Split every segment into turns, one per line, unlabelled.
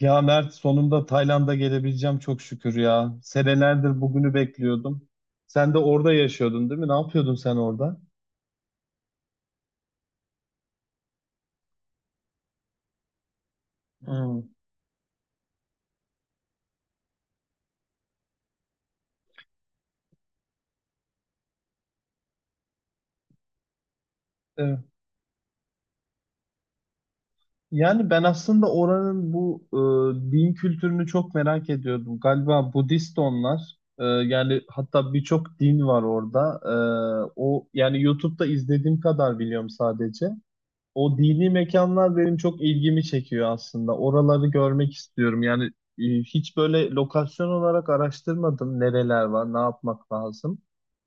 Ya Mert sonunda Tayland'a gelebileceğim çok şükür ya. Senelerdir bugünü bekliyordum. Sen de orada yaşıyordun değil mi? Ne yapıyordun sen orada? Hmm. Evet. Yani ben aslında oranın bu din kültürünü çok merak ediyordum. Galiba Budist onlar. Yani hatta birçok din var orada. O yani YouTube'da izlediğim kadar biliyorum sadece. O dini mekanlar benim çok ilgimi çekiyor aslında. Oraları görmek istiyorum. Yani hiç böyle lokasyon olarak araştırmadım nereler var, ne yapmak lazım.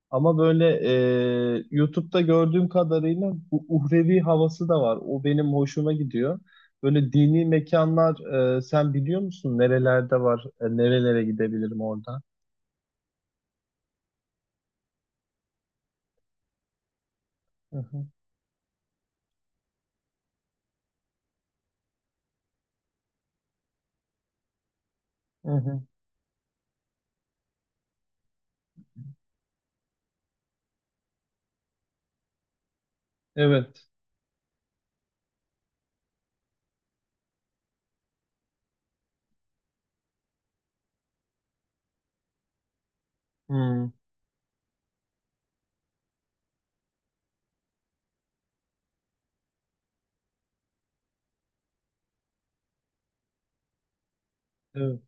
Ama böyle YouTube'da gördüğüm kadarıyla bu uhrevi havası da var. O benim hoşuma gidiyor. Böyle dini mekanlar sen biliyor musun nerelerde var? Nerelere gidebilirim orada? Hı hı, hı hı. Evet. Hmm, evet.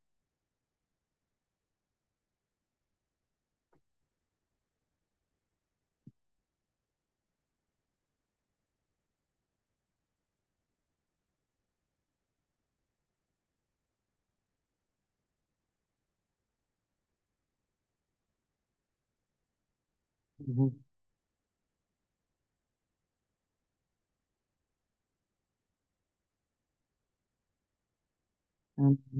Hı hı. Hı.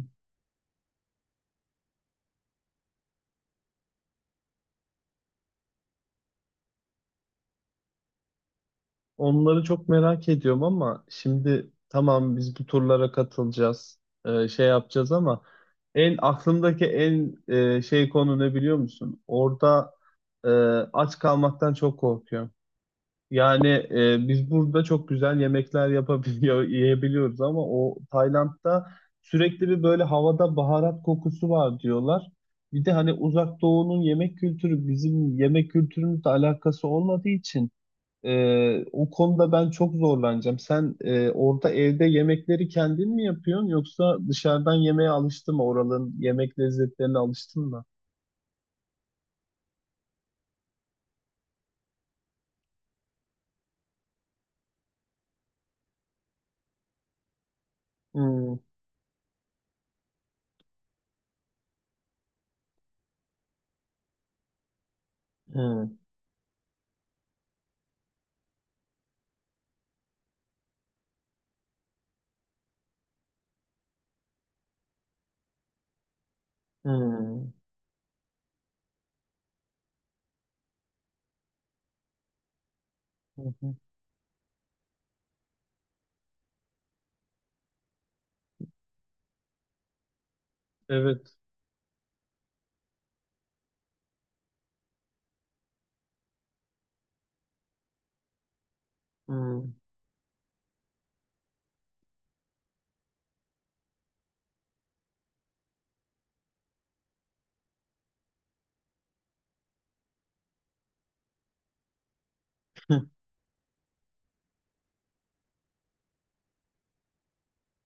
Onları çok merak ediyorum ama şimdi tamam biz bu turlara katılacağız, şey yapacağız ama aklımdaki en şey konu ne biliyor musun? Orada e, aç kalmaktan çok korkuyorum. Yani biz burada çok güzel yemekler yapabiliyor, yiyebiliyoruz ama o Tayland'da sürekli bir böyle havada baharat kokusu var diyorlar. Bir de hani Uzak Doğu'nun yemek kültürü bizim yemek kültürümüzle alakası olmadığı için. O konuda ben çok zorlanacağım. Sen orada evde yemekleri kendin mi yapıyorsun yoksa dışarıdan yemeğe alıştın mı? Oraların yemek lezzetlerine alıştın mı? Hmm, hmm, hmm. Hı hı. Evet. Hmm.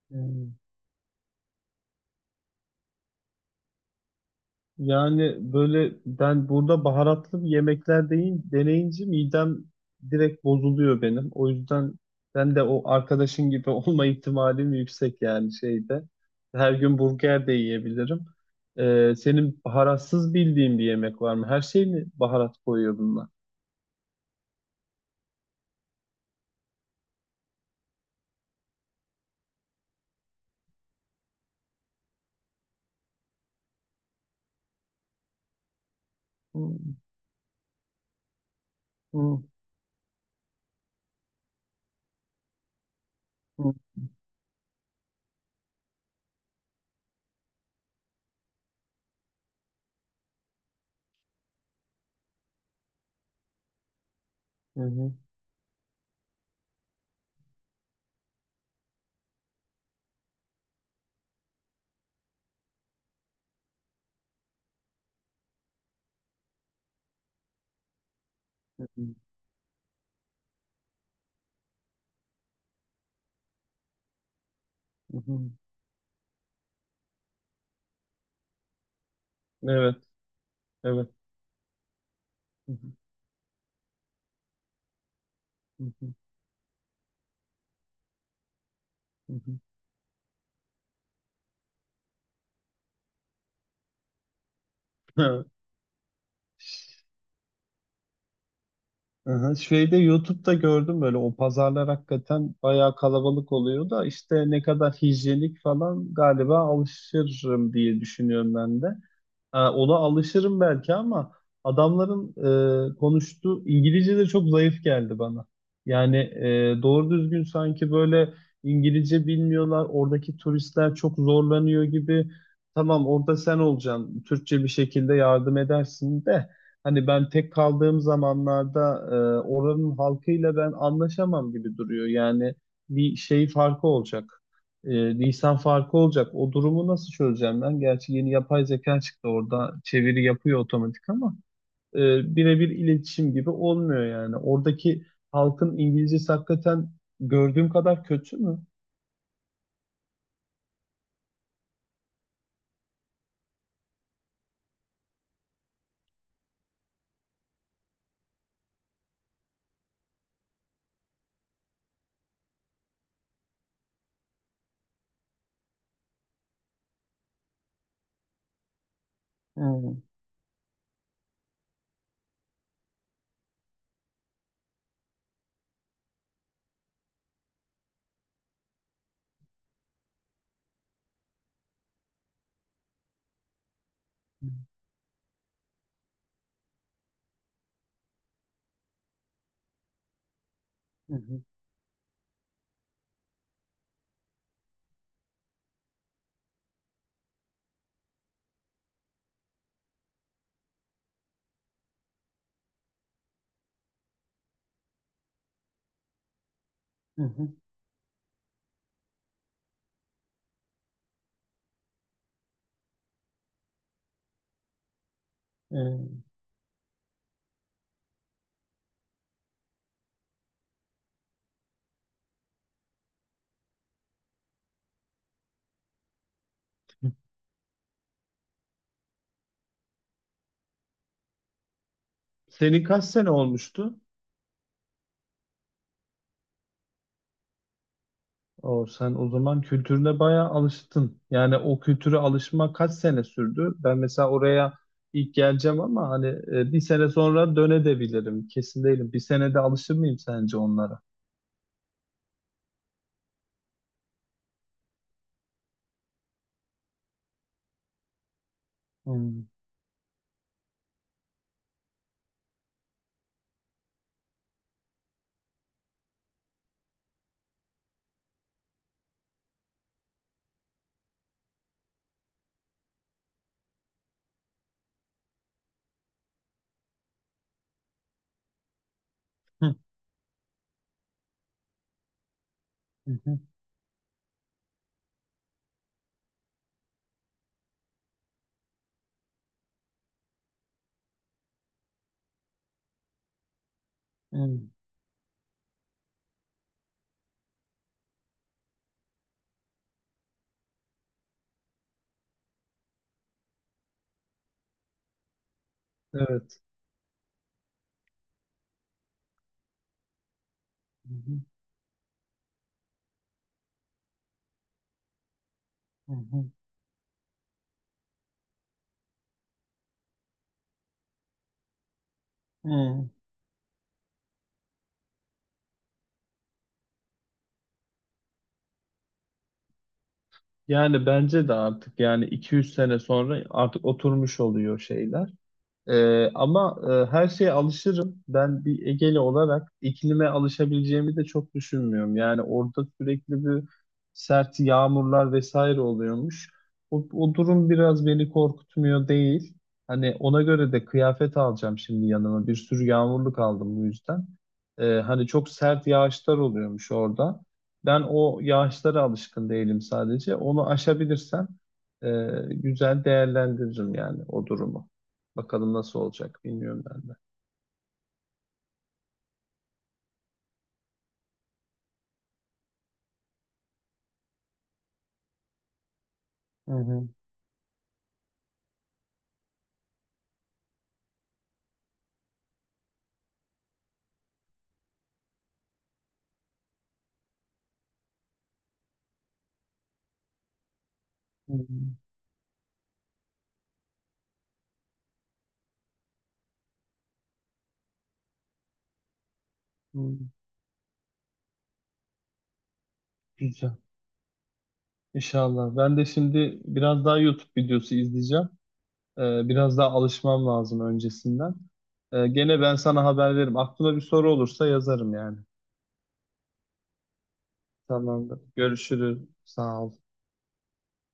Yani böyle ben burada baharatlı bir yemekler deneyince midem direkt bozuluyor benim. O yüzden ben de o arkadaşın gibi olma ihtimalim yüksek yani şeyde. Her gün burger de yiyebilirim. Senin baharatsız bildiğin bir yemek var mı? Her şey mi baharat koyuyor bunlar? Hı, hı, hı, hı, hı, hı, hı. Evet, evet. Hı, hı, hı, hı, hı. Aha, şeyde YouTube'da gördüm böyle o pazarlar hakikaten bayağı kalabalık oluyor da işte ne kadar hijyenik falan galiba alışırım diye düşünüyorum ben de. Ona alışırım belki ama adamların konuştuğu İngilizce de çok zayıf geldi bana. Yani doğru düzgün sanki böyle İngilizce bilmiyorlar. Oradaki turistler çok zorlanıyor gibi. Tamam orada sen olacaksın. Türkçe bir şekilde yardım edersin de. Hani ben tek kaldığım zamanlarda e, oranın halkıyla ben anlaşamam gibi duruyor. Yani bir şey farkı olacak Nisan farkı olacak. O durumu nasıl çözeceğim ben? Gerçi yeni yapay zeka çıktı orada çeviri yapıyor otomatik ama e, birebir iletişim gibi olmuyor yani. Oradaki halkın İngilizcesi hakikaten gördüğüm kadar kötü mü? Evet. Hı hı. Hı hı. Hı. Ee, Senin kaç sene olmuştu? O sen o zaman kültürüne bayağı alıştın. Yani o kültüre alışma kaç sene sürdü? Ben mesela oraya ilk geleceğim ama hani bir sene sonra dönebilirim. Kesin değilim. Bir senede alışır mıyım sence onlara? Hmm. Hı, hı, hı, hı, Evet. Hı, hı, hı, hı. Yani bence de artık yani iki üç sene sonra artık oturmuş oluyor şeyler. Ama her şeye alışırım. Ben bir Egeli olarak iklime alışabileceğimi de çok düşünmüyorum. Yani orada sürekli bir sert yağmurlar vesaire oluyormuş. O durum biraz beni korkutmuyor değil. Hani ona göre de kıyafet alacağım şimdi yanıma. Bir sürü yağmurluk aldım bu yüzden. Hani çok sert yağışlar oluyormuş orada. Ben o yağışlara alışkın değilim sadece. Onu aşabilirsem güzel değerlendiririm yani o durumu. Bakalım nasıl olacak bilmiyorum ben de. Hı hı. Hı hı. Hı. Güzel. İnşallah. Ben de şimdi biraz daha YouTube videosu izleyeceğim. Biraz daha alışmam lazım öncesinden. Gene ben sana haber veririm. Aklına bir soru olursa yazarım yani. Tamamdır. Görüşürüz. Sağ ol.